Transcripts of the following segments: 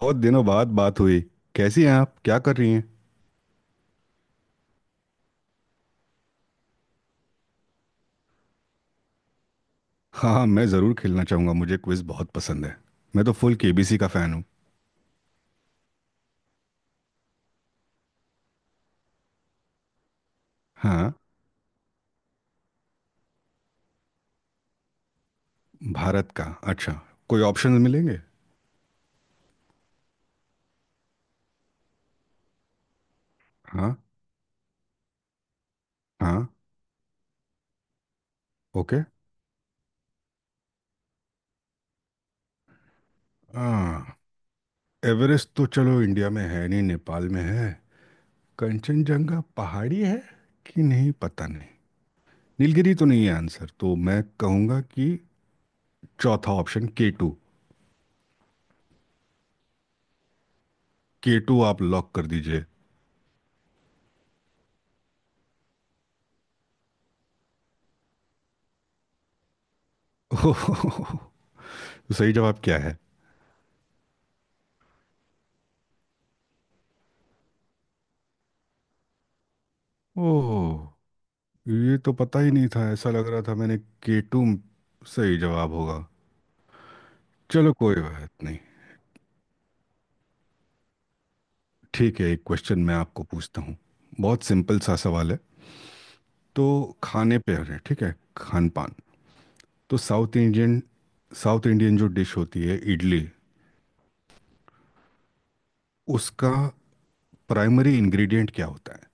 बहुत दिनों बाद बात हुई। कैसी हैं आप, क्या कर रही हैं? हाँ हाँ, मैं ज़रूर खेलना चाहूँगा, मुझे क्विज बहुत पसंद है। मैं तो फुल केबीसी का फ़ैन हूँ। हाँ। भारत का? अच्छा। कोई ऑप्शंस मिलेंगे? हाँ हाँ। ओके। हाँ। एवरेस्ट तो चलो इंडिया में है नहीं, नेपाल में है। कंचनजंगा पहाड़ी है कि नहीं पता नहीं। नीलगिरी तो नहीं है। आंसर तो मैं कहूँगा कि चौथा ऑप्शन के टू। के टू आप लॉक कर दीजिए। ओह। तो सही जवाब क्या है? ओह, ये तो पता ही नहीं था। ऐसा लग रहा था मैंने के टू सही जवाब होगा। चलो कोई बात नहीं। ठीक है, एक क्वेश्चन मैं आपको पूछता हूँ। बहुत सिंपल सा सवाल है। तो खाने पे है, ठीक है, खान पान। तो साउथ इंडियन, साउथ इंडियन जो डिश होती है इडली, उसका प्राइमरी इंग्रेडिएंट क्या होता है?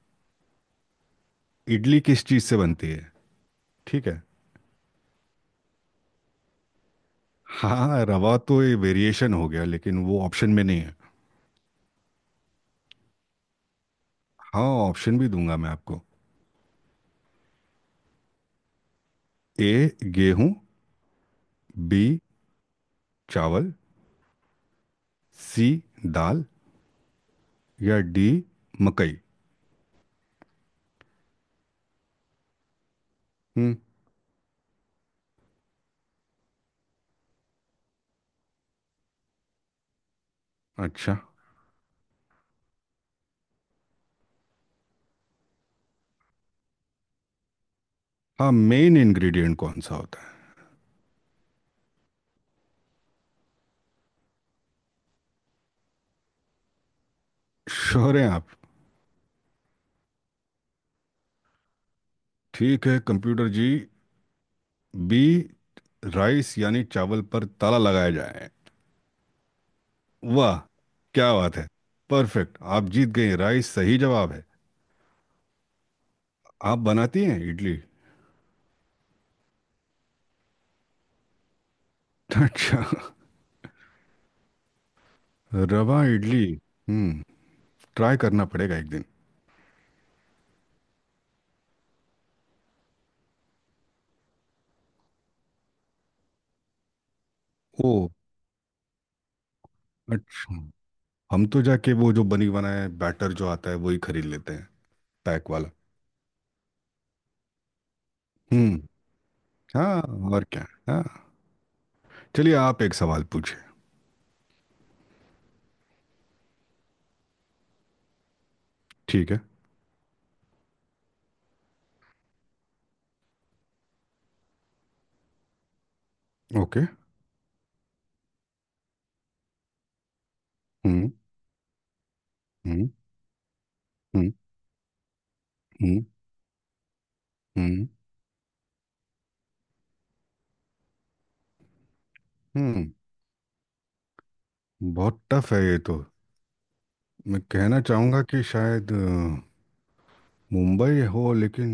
इडली किस चीज़ से बनती है? ठीक है। हाँ, रवा तो ये वेरिएशन हो गया, लेकिन वो ऑप्शन में नहीं है। हाँ, ऑप्शन भी दूंगा मैं आपको। ए गेहूं, बी चावल, सी दाल, या डी मकई। हम्म। अच्छा। हाँ, मेन इंग्रेडिएंट कौन सा होता है? श्योर हैं आप? ठीक है कंप्यूटर जी, बी, राइस यानी चावल पर ताला लगाया जाए। वाह, क्या बात है, परफेक्ट! आप जीत गए, राइस सही जवाब है। आप बनाती हैं इडली? अच्छा। रवा इडली। हम्म। ट्राई करना पड़ेगा एक दिन। ओ अच्छा। हम तो जाके वो जो बनी बनाए बैटर जो आता है वही खरीद लेते हैं, पैक वाला। हम्म। हाँ और क्या, हाँ। चलिए आप एक सवाल पूछिए। ठीक है। ओके। हम्म। हम्म। हम्म। हम्म। हम्म। हम्म। बहुत टफ है ये तो। मैं कहना चाहूंगा कि शायद मुंबई हो, लेकिन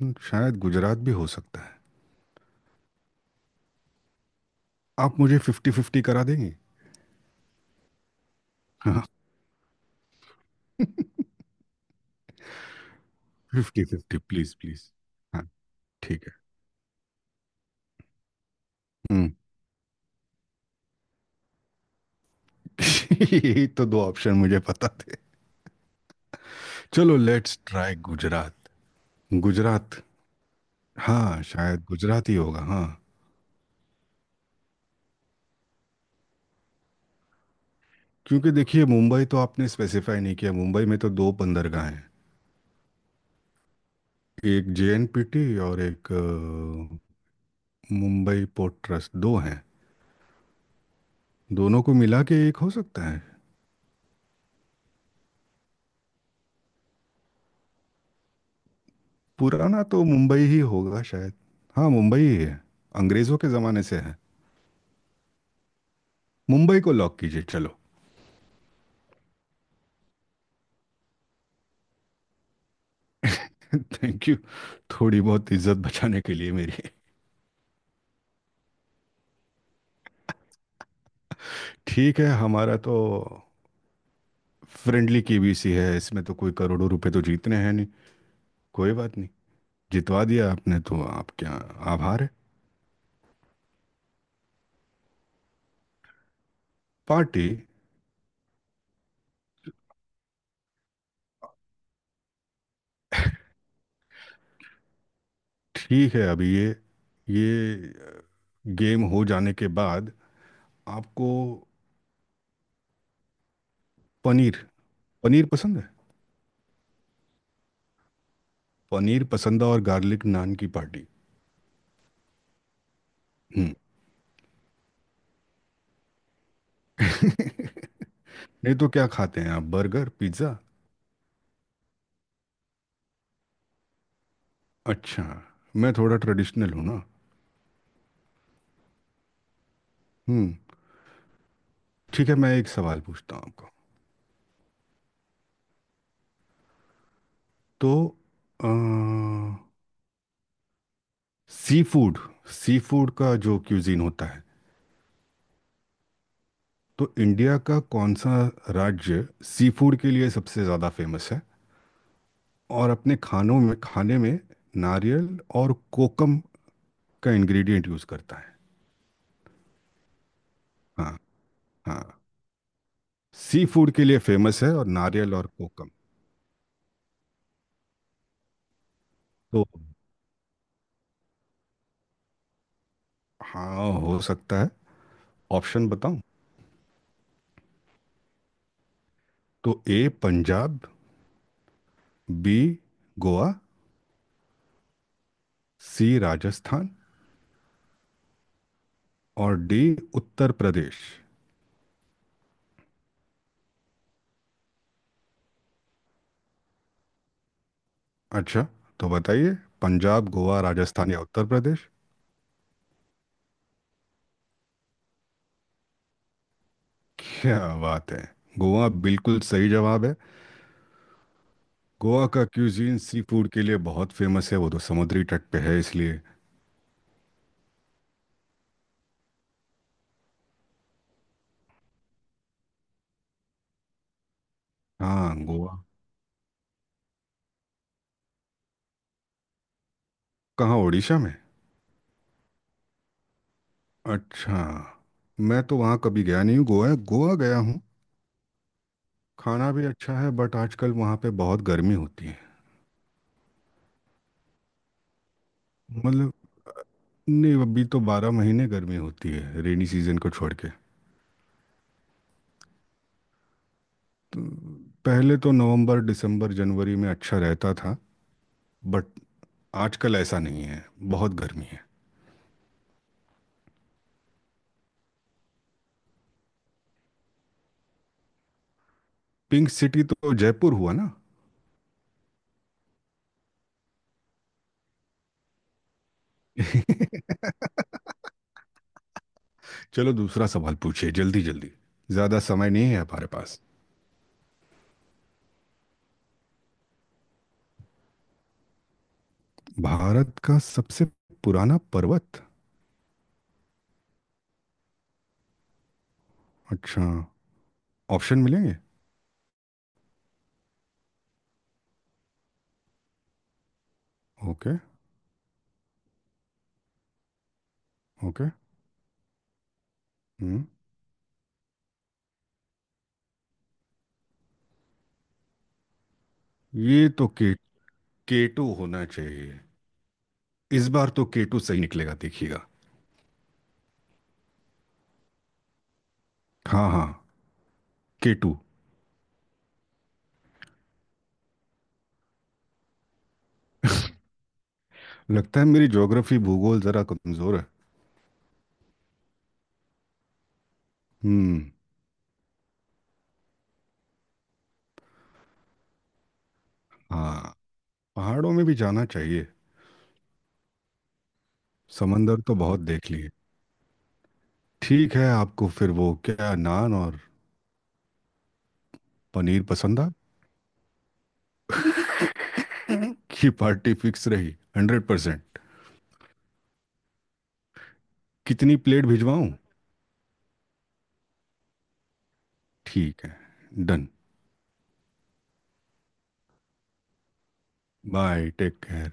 शायद गुजरात भी हो सकता है। आप मुझे 50-50 करा देंगे? हाँ। 50-50 प्लीज प्लीज। हाँ। ठीक है। हम्म। यही तो दो ऑप्शन मुझे पता थे। चलो लेट्स ट्राई गुजरात। गुजरात। हाँ शायद गुजरात ही होगा, हाँ। क्योंकि देखिए, मुंबई तो आपने स्पेसिफाई नहीं किया। मुंबई में तो दो बंदरगाह हैं, एक जेएनपीटी और एक मुंबई पोर्ट ट्रस्ट, दो हैं। दोनों को मिला के एक हो सकता है। पुराना तो मुंबई ही होगा शायद। हाँ मुंबई ही है, अंग्रेज़ों के ज़माने से है। मुंबई को लॉक कीजिए चलो। Thank you. थोड़ी बहुत इज्जत बचाने के लिए मेरी। ठीक है, हमारा तो फ्रेंडली केबीसी है, इसमें तो कोई करोड़ों रुपए तो जीतने हैं नहीं। कोई बात नहीं। जितवा दिया आपने, तो आप क्या, आभार है। पार्टी? ठीक है, अभी ये गेम हो जाने के बाद आपको पनीर, पनीर पसंद है? पनीर पसंद है और गार्लिक नान की पार्टी। हम्म। नहीं तो क्या खाते हैं आप, बर्गर पिज्ज़ा? अच्छा। मैं थोड़ा ट्रेडिशनल हूँ ना। हम्म। ठीक है, मैं एक सवाल पूछता हूँ आपको। तो सी फूड, सी फूड का जो क्यूजीन होता है, तो इंडिया का कौन सा राज्य सी फूड के लिए सबसे ज़्यादा फेमस है और अपने खानों में, खाने में नारियल और कोकम का इंग्रेडिएंट यूज करता है? हाँ। हाँ, सी फूड के लिए फेमस है और नारियल और कोकम। तो हाँ हो सकता है। ऑप्शन बताऊं? तो A Punjab, B Goa, C Rajasthan, और डी उत्तर प्रदेश। अच्छा। तो बताइए, पंजाब, गोवा, राजस्थान या उत्तर प्रदेश? क्या बात है, गोवा बिल्कुल सही जवाब है। गोवा का क्यूजीन सी फूड के लिए बहुत फेमस है, वो तो समुद्री तट पे है इसलिए। हाँ, गोवा। कहाँ, उड़ीसा में? अच्छा। मैं तो वहाँ कभी गया नहीं हूँ, गोवा गोवा गया हूँ। खाना भी अच्छा है, बट आजकल वहाँ पे बहुत गर्मी होती है। मतलब अ, नहीं, अभी तो 12 महीने गर्मी होती है, रेनी सीजन को छोड़ के। तो पहले तो नवंबर, दिसंबर, जनवरी में अच्छा रहता था, बट आजकल ऐसा नहीं है, बहुत गर्मी है। पिंक सिटी तो जयपुर हुआ ना। चलो दूसरा सवाल पूछिए, जल्दी जल्दी। ज्यादा समय नहीं है हमारे पास। भारत का सबसे पुराना पर्वत? अच्छा। ऑप्शन मिलेंगे? ओके। ओके। हम्म। ये तो के केटू होना चाहिए। इस बार तो केटू सही निकलेगा, देखिएगा। हाँ हाँ, केटू। लगता है मेरी ज्योग्राफी, भूगोल जरा कमजोर है। हम्म। हाँ, पहाड़ों में भी जाना चाहिए। समंदर तो बहुत देख लिए। ठीक है, आपको फिर वो क्या, नान और पनीर पसंद आ की पार्टी फिक्स रही, 100%। कितनी प्लेट भिजवाऊं? ठीक है, डन। Bye, take care.